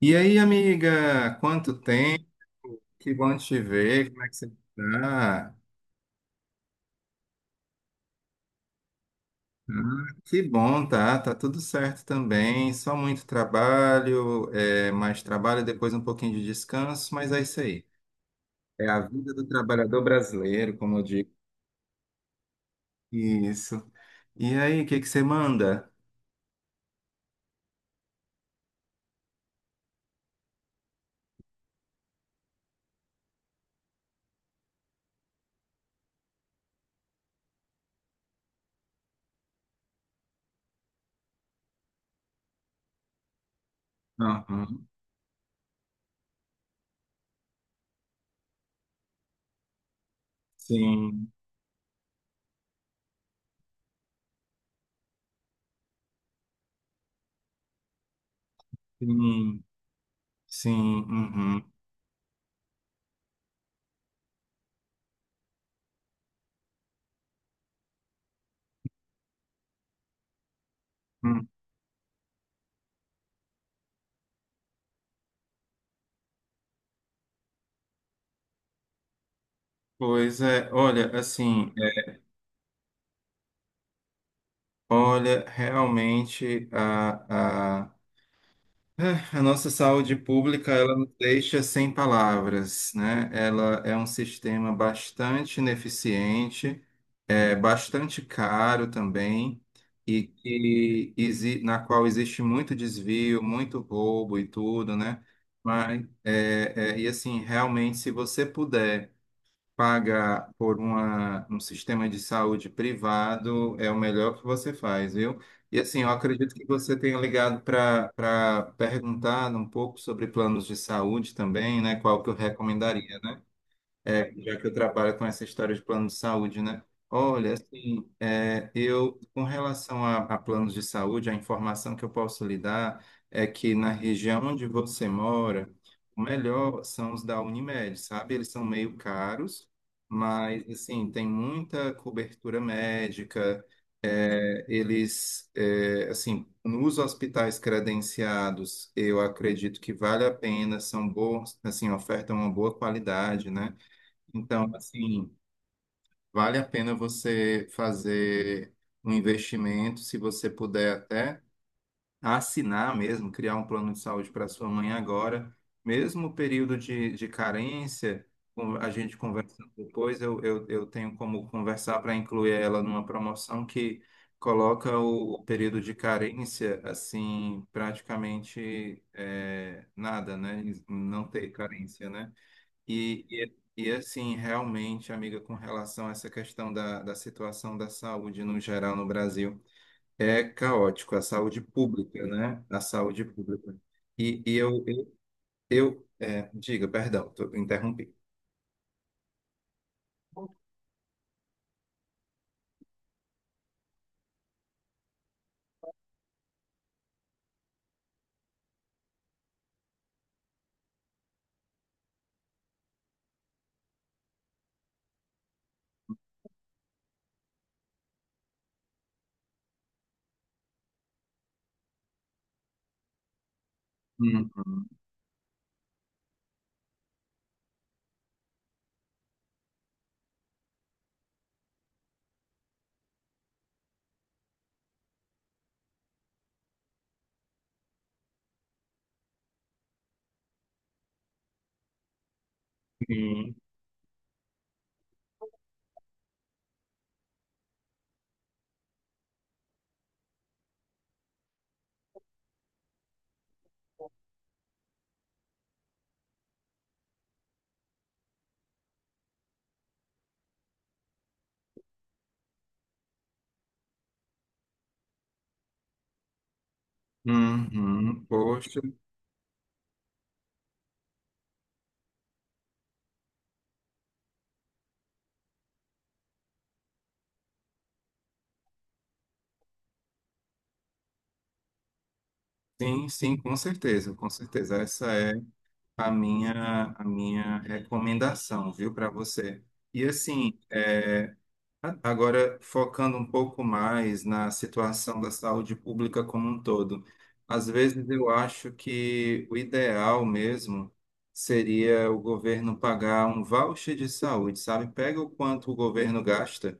E aí, amiga, quanto tempo? Que bom te ver, como é que você está? Ah, que bom, tá? Tá tudo certo também, só muito trabalho, mais trabalho, depois um pouquinho de descanso, mas é isso aí. É a vida do trabalhador brasileiro, como eu digo. Isso. E aí, o que que você manda? Aham. Sim, sim, sim, uhum. Hum. Pois é, olha, assim, olha, realmente a A nossa saúde pública, ela nos deixa sem palavras, né? Ela é um sistema bastante ineficiente, é bastante caro também, e que na qual existe muito desvio, muito roubo e tudo, né? Mas, e assim, realmente, se você puder paga por um sistema de saúde privado é o melhor que você faz, viu? E assim, eu acredito que você tenha ligado para perguntar um pouco sobre planos de saúde também, né? Qual que eu recomendaria, né? Já que eu trabalho com essa história de plano de saúde, né? Olha, assim, com relação a planos de saúde, a informação que eu posso lhe dar é que na região onde você mora, o melhor são os da Unimed, sabe? Eles são meio caros, mas, assim, tem muita cobertura médica, assim, nos hospitais credenciados, eu acredito que vale a pena, são bons, assim, ofertam uma boa qualidade, né? Então, assim, vale a pena você fazer um investimento, se você puder até assinar mesmo, criar um plano de saúde para sua mãe agora, mesmo o período de carência, a gente conversa depois, eu tenho como conversar para incluir ela numa promoção que coloca o período de carência, assim, praticamente é nada, né? Não ter carência, né? Assim, realmente, amiga, com relação a essa questão da situação da saúde no geral no Brasil, é caótico, a saúde pública, né? A saúde pública. E, e eu, eu, Diga, perdão, tô, interrompi. Uhum, sim, uhum, poxa, sim, sim, com certeza, com certeza. Essa é a minha recomendação, viu, para você. E assim, é, agora, focando um pouco mais na situação da saúde pública como um todo, às vezes eu acho que o ideal mesmo seria o governo pagar um voucher de saúde, sabe? Pega o quanto o governo gasta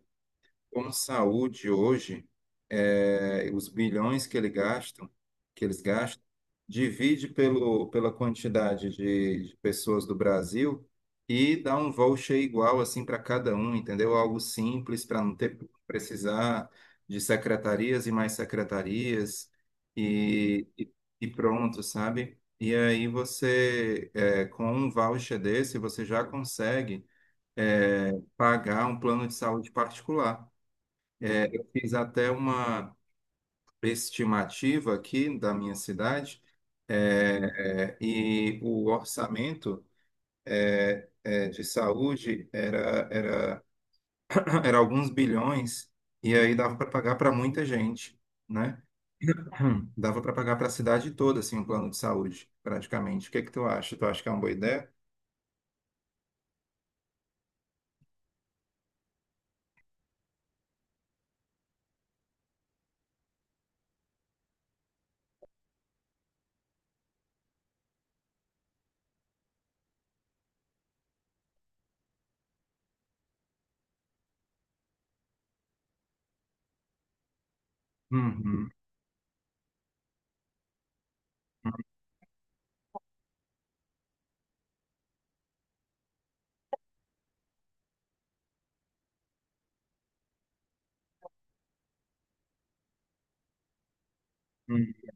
com saúde hoje, os bilhões que que eles gastam, divide pela quantidade de pessoas do Brasil e dá um voucher igual assim para cada um, entendeu? Algo simples para não ter precisar de secretarias e mais secretarias e, e, e pronto, sabe? E aí você, com um voucher desse, você já consegue, pagar um plano de saúde particular. Fiz até uma estimativa aqui da minha cidade, e o orçamento de saúde era, era alguns bilhões, e aí dava para pagar para muita gente, né? Dava para pagar para a cidade toda, assim, um plano de saúde, praticamente. O que é que tu acha? Tu acha que é uma boa ideia? Uhum, uhum,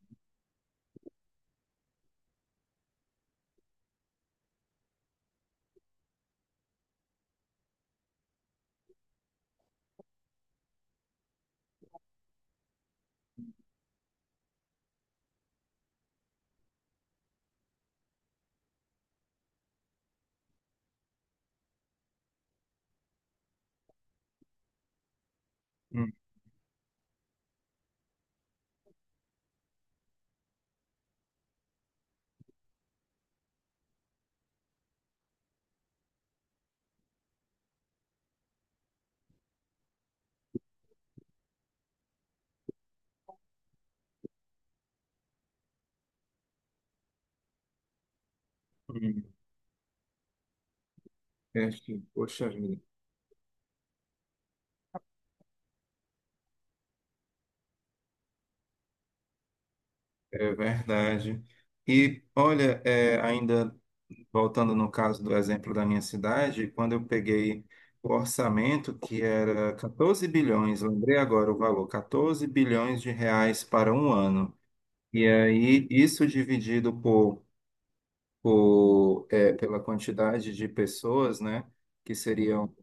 uhum, uhum. Este, poxa vida. É verdade. E olha, é, ainda voltando no caso do exemplo da minha cidade, quando eu peguei o orçamento, que era 14 bilhões, lembrei agora o valor, 14 bilhões de reais para um ano. E aí, isso dividido pela quantidade de pessoas, né, que seriam,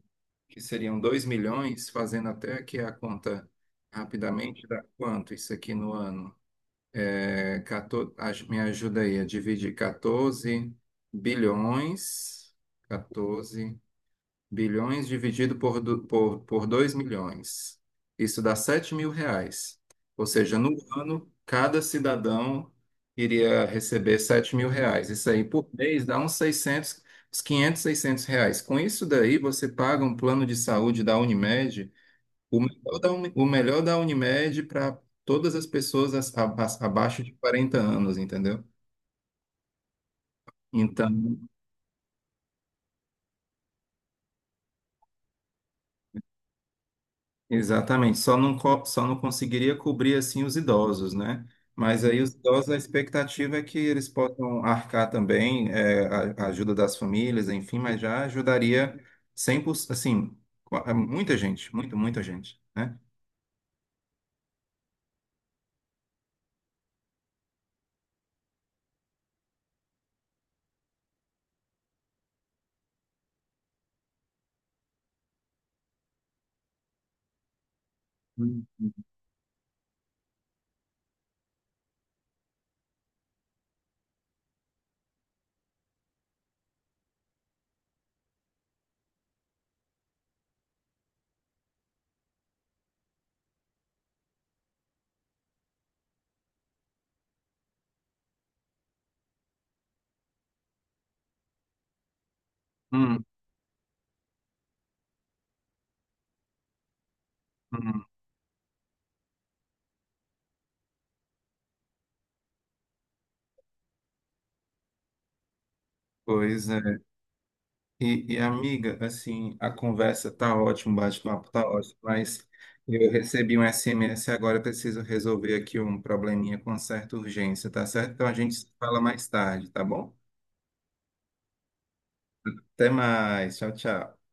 que seriam 2 milhões, fazendo até aqui a conta rapidamente, dá quanto isso aqui no ano? 14, me ajuda aí a dividir 14 bilhões, 14 bilhões dividido por 2 milhões. Isso dá R$ 7.000. Ou seja, no ano, cada cidadão iria receber R$ 7.000. Isso aí por mês dá uns 600, uns 500, R$ 600. Com isso daí, você paga um plano de saúde da Unimed o melhor da, o melhor da Unimed para todas as pessoas abaixo de 40 anos, entendeu? Então, exatamente, só não, só não conseguiria cobrir assim os idosos, né? Mas aí os idosos, a expectativa é que eles possam arcar também, a ajuda das famílias, enfim, mas já ajudaria 100%, assim, é muita gente, muita gente, né? Hum, hum, hum. Pois é. Amiga, assim, a conversa tá ótima, o bate-papo tá ótimo, mas eu recebi um SMS agora, eu preciso resolver aqui um probleminha com certa urgência, tá certo? Então a gente se fala mais tarde, tá bom? Até mais, tchau, tchau.